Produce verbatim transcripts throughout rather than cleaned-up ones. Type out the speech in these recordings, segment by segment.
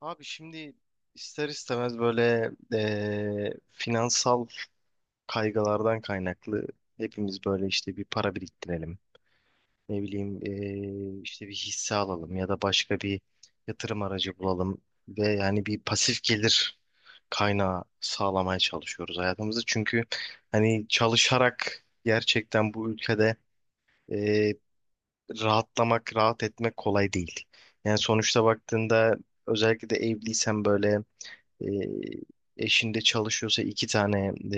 Abi şimdi ister istemez böyle eee, finansal kaygılardan kaynaklı hepimiz böyle işte bir para biriktirelim. Ne bileyim eee, işte bir hisse alalım ya da başka bir yatırım aracı bulalım ve yani bir pasif gelir kaynağı sağlamaya çalışıyoruz hayatımızda. Çünkü hani çalışarak gerçekten bu ülkede eee, rahatlamak, rahat etmek kolay değil. Yani sonuçta baktığında özellikle de evliysen böyle e, eşinde çalışıyorsa iki tane e,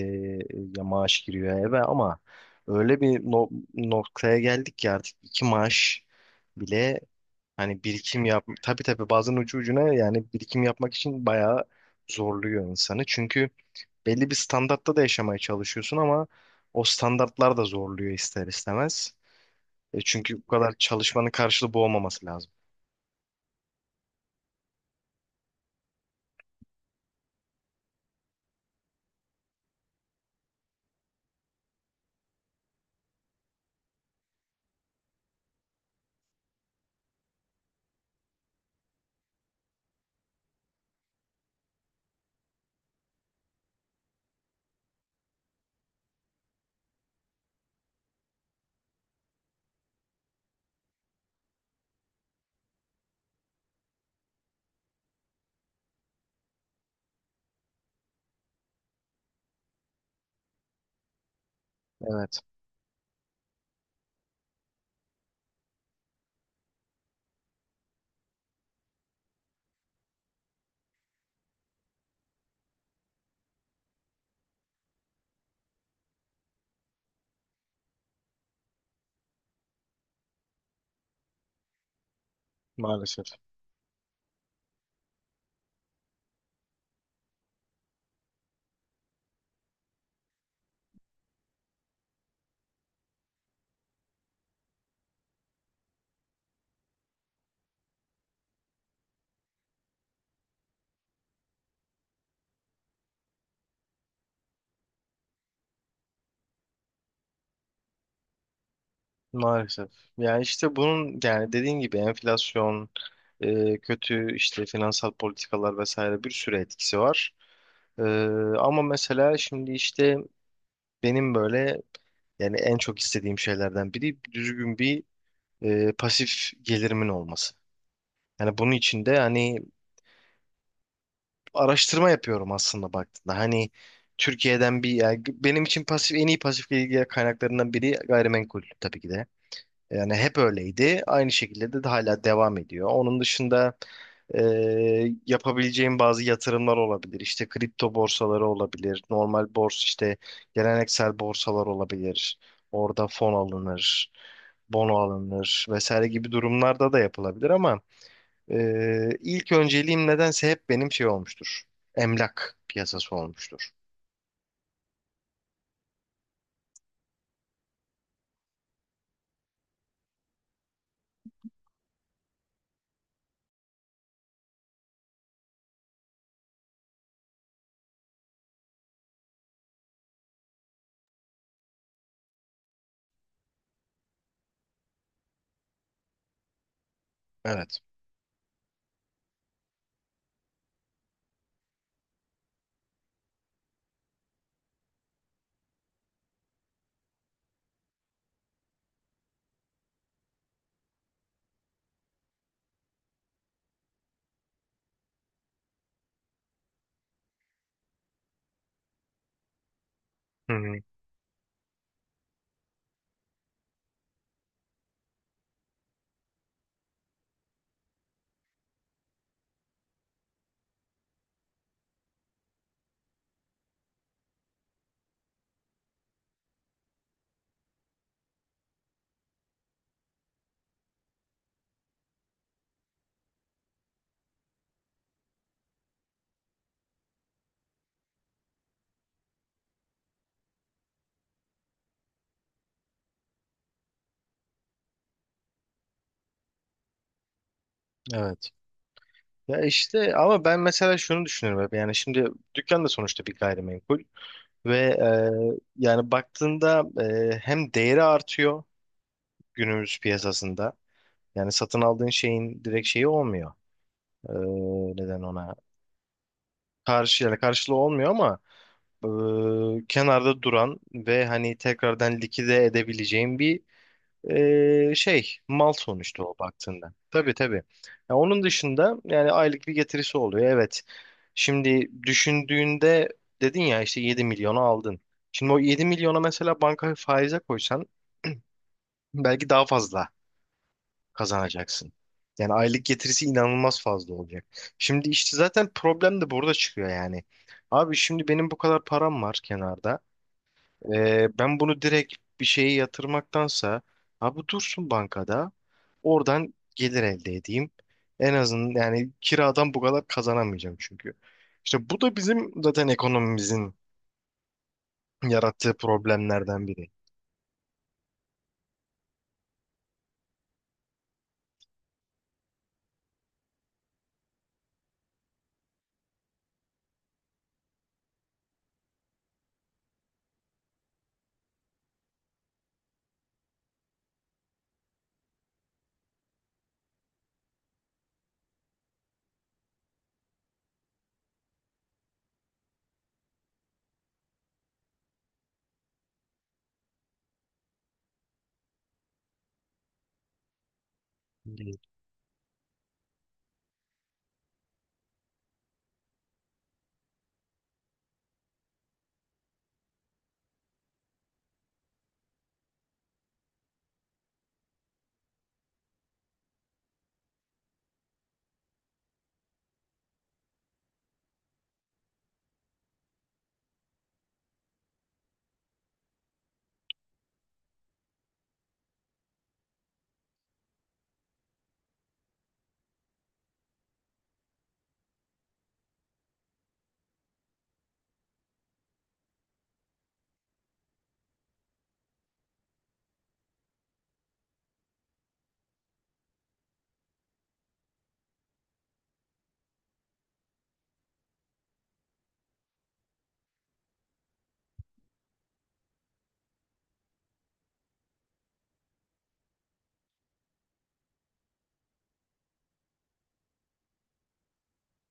ya maaş giriyor eve ama öyle bir no- noktaya geldik ki artık iki maaş bile hani birikim yap, tabii tabii, bazen ucu ucuna, yani birikim yapmak için bayağı zorluyor insanı. Çünkü belli bir standartta da yaşamaya çalışıyorsun ama o standartlar da zorluyor ister istemez. E, çünkü bu kadar çalışmanın karşılığı bu olmaması lazım. Evet, maalesef. Maalesef. Yani işte bunun, yani dediğin gibi enflasyon, e, kötü işte finansal politikalar vesaire bir sürü etkisi var. E, Ama mesela şimdi işte benim böyle yani en çok istediğim şeylerden biri düzgün bir e, pasif gelirimin olması. Yani bunun için de hani araştırma yapıyorum aslında baktığında. Hani Türkiye'den bir, yani benim için pasif, en iyi pasif gelir kaynaklarından biri gayrimenkul tabii ki de. Yani hep öyleydi. Aynı şekilde de hala devam ediyor. Onun dışında e, yapabileceğim bazı yatırımlar olabilir. İşte kripto borsaları olabilir. Normal borsa, işte geleneksel borsalar olabilir. Orada fon alınır, bono alınır vesaire gibi durumlarda da yapılabilir ama e, ilk önceliğim nedense hep benim şey olmuştur. Emlak piyasası olmuştur. Evet. Hı hı. Evet. Ya işte ama ben mesela şunu düşünüyorum hep, yani şimdi dükkan da sonuçta bir gayrimenkul ve e, yani baktığında e, hem değeri artıyor günümüz piyasasında, yani satın aldığın şeyin direkt şeyi olmuyor. E, Neden ona karşı, yani karşılığı olmuyor ama e, kenarda duran ve hani tekrardan likide edebileceğin bir Ee, şey, mal sonuçta o baktığında. Tabii tabii. Ya onun dışında yani aylık bir getirisi oluyor. Evet. Şimdi düşündüğünde, dedin ya işte yedi milyonu aldın. Şimdi o yedi milyona mesela banka faize koysan belki daha fazla kazanacaksın. Yani aylık getirisi inanılmaz fazla olacak. Şimdi işte zaten problem de burada çıkıyor yani. Abi şimdi benim bu kadar param var kenarda. Ee, ben bunu direkt bir şeye yatırmaktansa abi dursun bankada, oradan gelir elde edeyim. En azından yani kiradan bu kadar kazanamayacağım çünkü. İşte bu da bizim zaten ekonomimizin yarattığı problemlerden biri. Evet.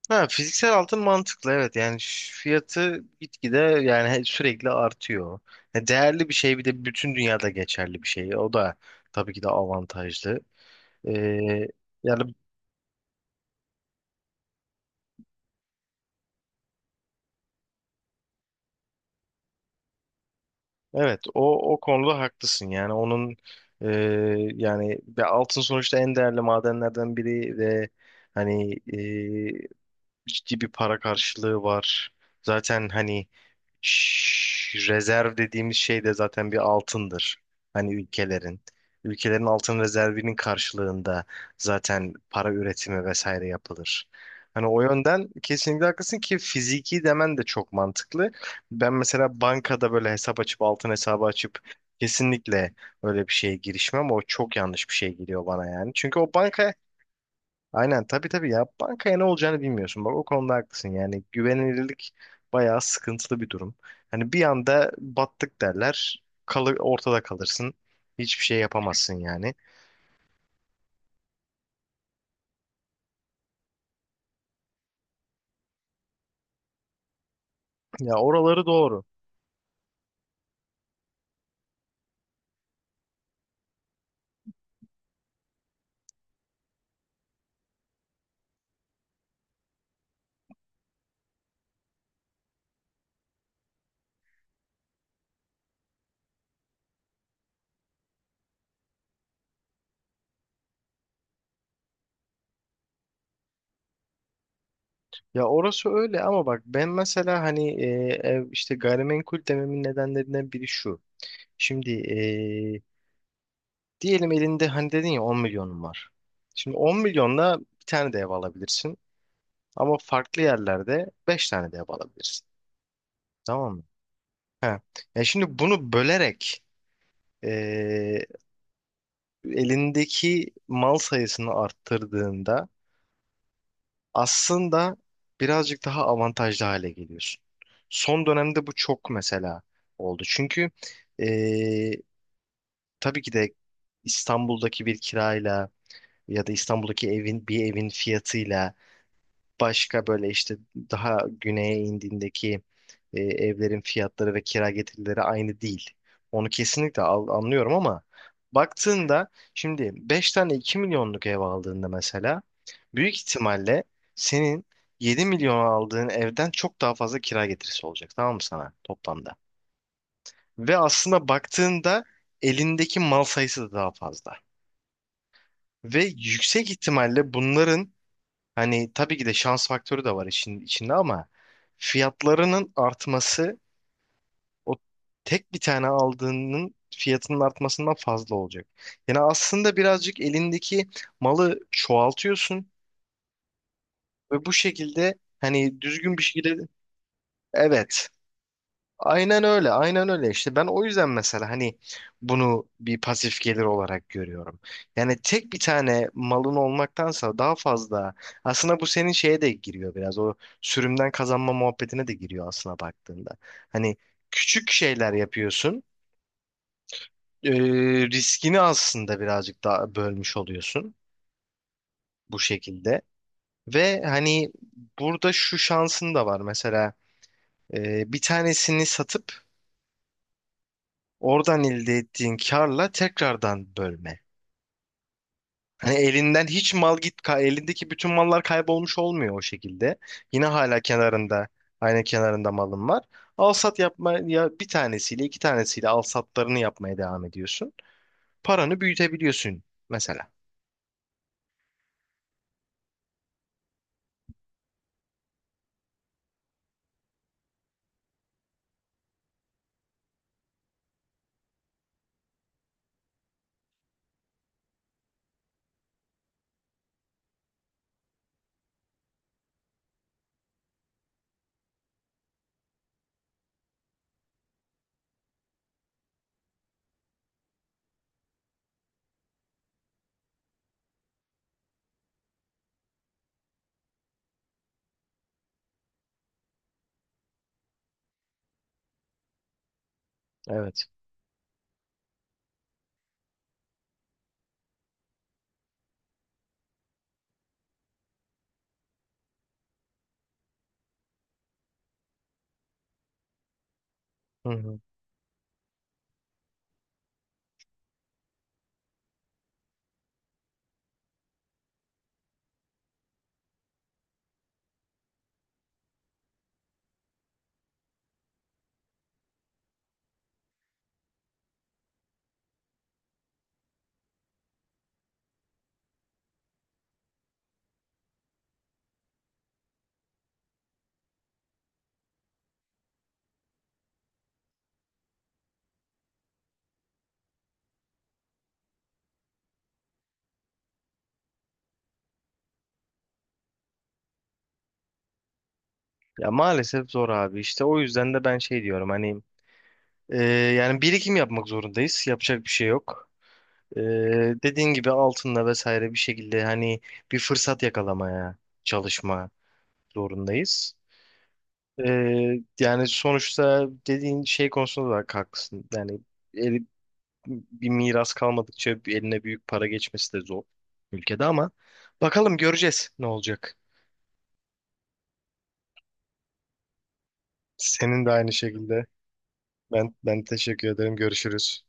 Ha, fiziksel altın mantıklı, evet, yani ş- fiyatı gitgide, yani he- sürekli artıyor. Ya değerli bir şey, bir de bütün dünyada geçerli bir şey. O da tabii ki de avantajlı. Ee, yani, evet, o o konuda haklısın. Yani onun e, yani ve altın sonuçta en değerli madenlerden biri ve hani e, ciddi bir para karşılığı var. Zaten hani Ş- Rezerv dediğimiz şey de zaten bir altındır. Hani ülkelerin. Ülkelerin altın rezervinin karşılığında zaten para üretimi vesaire yapılır. Hani o yönden kesinlikle haklısın ki fiziki demen de çok mantıklı. Ben mesela bankada böyle hesap açıp, altın hesabı açıp kesinlikle öyle bir şeye girişmem. O çok yanlış bir şey geliyor bana yani. Çünkü o banka. Aynen, tabii tabii, ya bankaya ne olacağını bilmiyorsun. Bak, o konuda haklısın. Yani güvenilirlik bayağı sıkıntılı bir durum. Hani bir anda battık derler. Kalı, ortada kalırsın. Hiçbir şey yapamazsın yani. Ya oraları doğru. Ya orası öyle ama bak ben mesela hani e, ev, işte gayrimenkul dememin nedenlerinden biri şu. Şimdi e, diyelim elinde, hani dedin ya on milyonun var. Şimdi on milyonla bir tane de ev alabilirsin. Ama farklı yerlerde beş tane de ev alabilirsin. Tamam mı? Ha. Ya şimdi bunu bölerek eee, elindeki mal sayısını arttırdığında aslında birazcık daha avantajlı hale geliyorsun. Son dönemde bu çok mesela oldu. Çünkü eee, tabii ki de İstanbul'daki bir kirayla ya da İstanbul'daki evin, bir evin fiyatıyla başka, böyle işte daha güneye indiğindeki e, evlerin fiyatları ve kira getirileri aynı değil. Onu kesinlikle al- anlıyorum ama baktığında şimdi beş tane iki milyonluk ev aldığında mesela büyük ihtimalle senin yedi milyon aldığın evden çok daha fazla kira getirisi olacak, tamam mı, sana toplamda? Ve aslında baktığında elindeki mal sayısı da daha fazla. Ve yüksek ihtimalle bunların, hani tabii ki de şans faktörü de var işin içinde ama, fiyatlarının artması o tek bir tane aldığının fiyatının artmasından fazla olacak. Yani aslında birazcık elindeki malı çoğaltıyorsun ve bu şekilde hani düzgün bir şekilde. Evet, aynen öyle, aynen öyle. İşte ben o yüzden mesela hani bunu bir pasif gelir olarak görüyorum. Yani tek bir tane malın olmaktansa daha fazla, aslında bu senin şeye de giriyor biraz, o sürümden kazanma muhabbetine de giriyor aslına baktığında. Hani küçük şeyler yapıyorsun, e, riskini aslında birazcık daha bölmüş oluyorsun bu şekilde. Ve hani burada şu şansın da var mesela, e, bir tanesini satıp oradan elde ettiğin karla tekrardan bölme. Hani elinden hiç mal git, ka- elindeki bütün mallar kaybolmuş olmuyor o şekilde. Yine hala kenarında, aynı kenarında malın var. Al sat yapma, ya bir tanesiyle, iki tanesiyle al satlarını yapmaya devam ediyorsun. Paranı büyütebiliyorsun mesela. Evet. Hı hı. Ya maalesef zor abi, işte o yüzden de ben şey diyorum, hani e, yani birikim yapmak zorundayız. Yapacak bir şey yok. Ee, Dediğin gibi altınla vesaire bir şekilde hani bir fırsat yakalamaya çalışma zorundayız. Ee, yani sonuçta dediğin şey konusunda da hak- haklısın. Yani eli- bir miras kalmadıkça bir eline büyük para geçmesi de zor ülkede ama bakalım, göreceğiz ne olacak. Senin de aynı şekilde. Ben ben teşekkür ederim. Görüşürüz.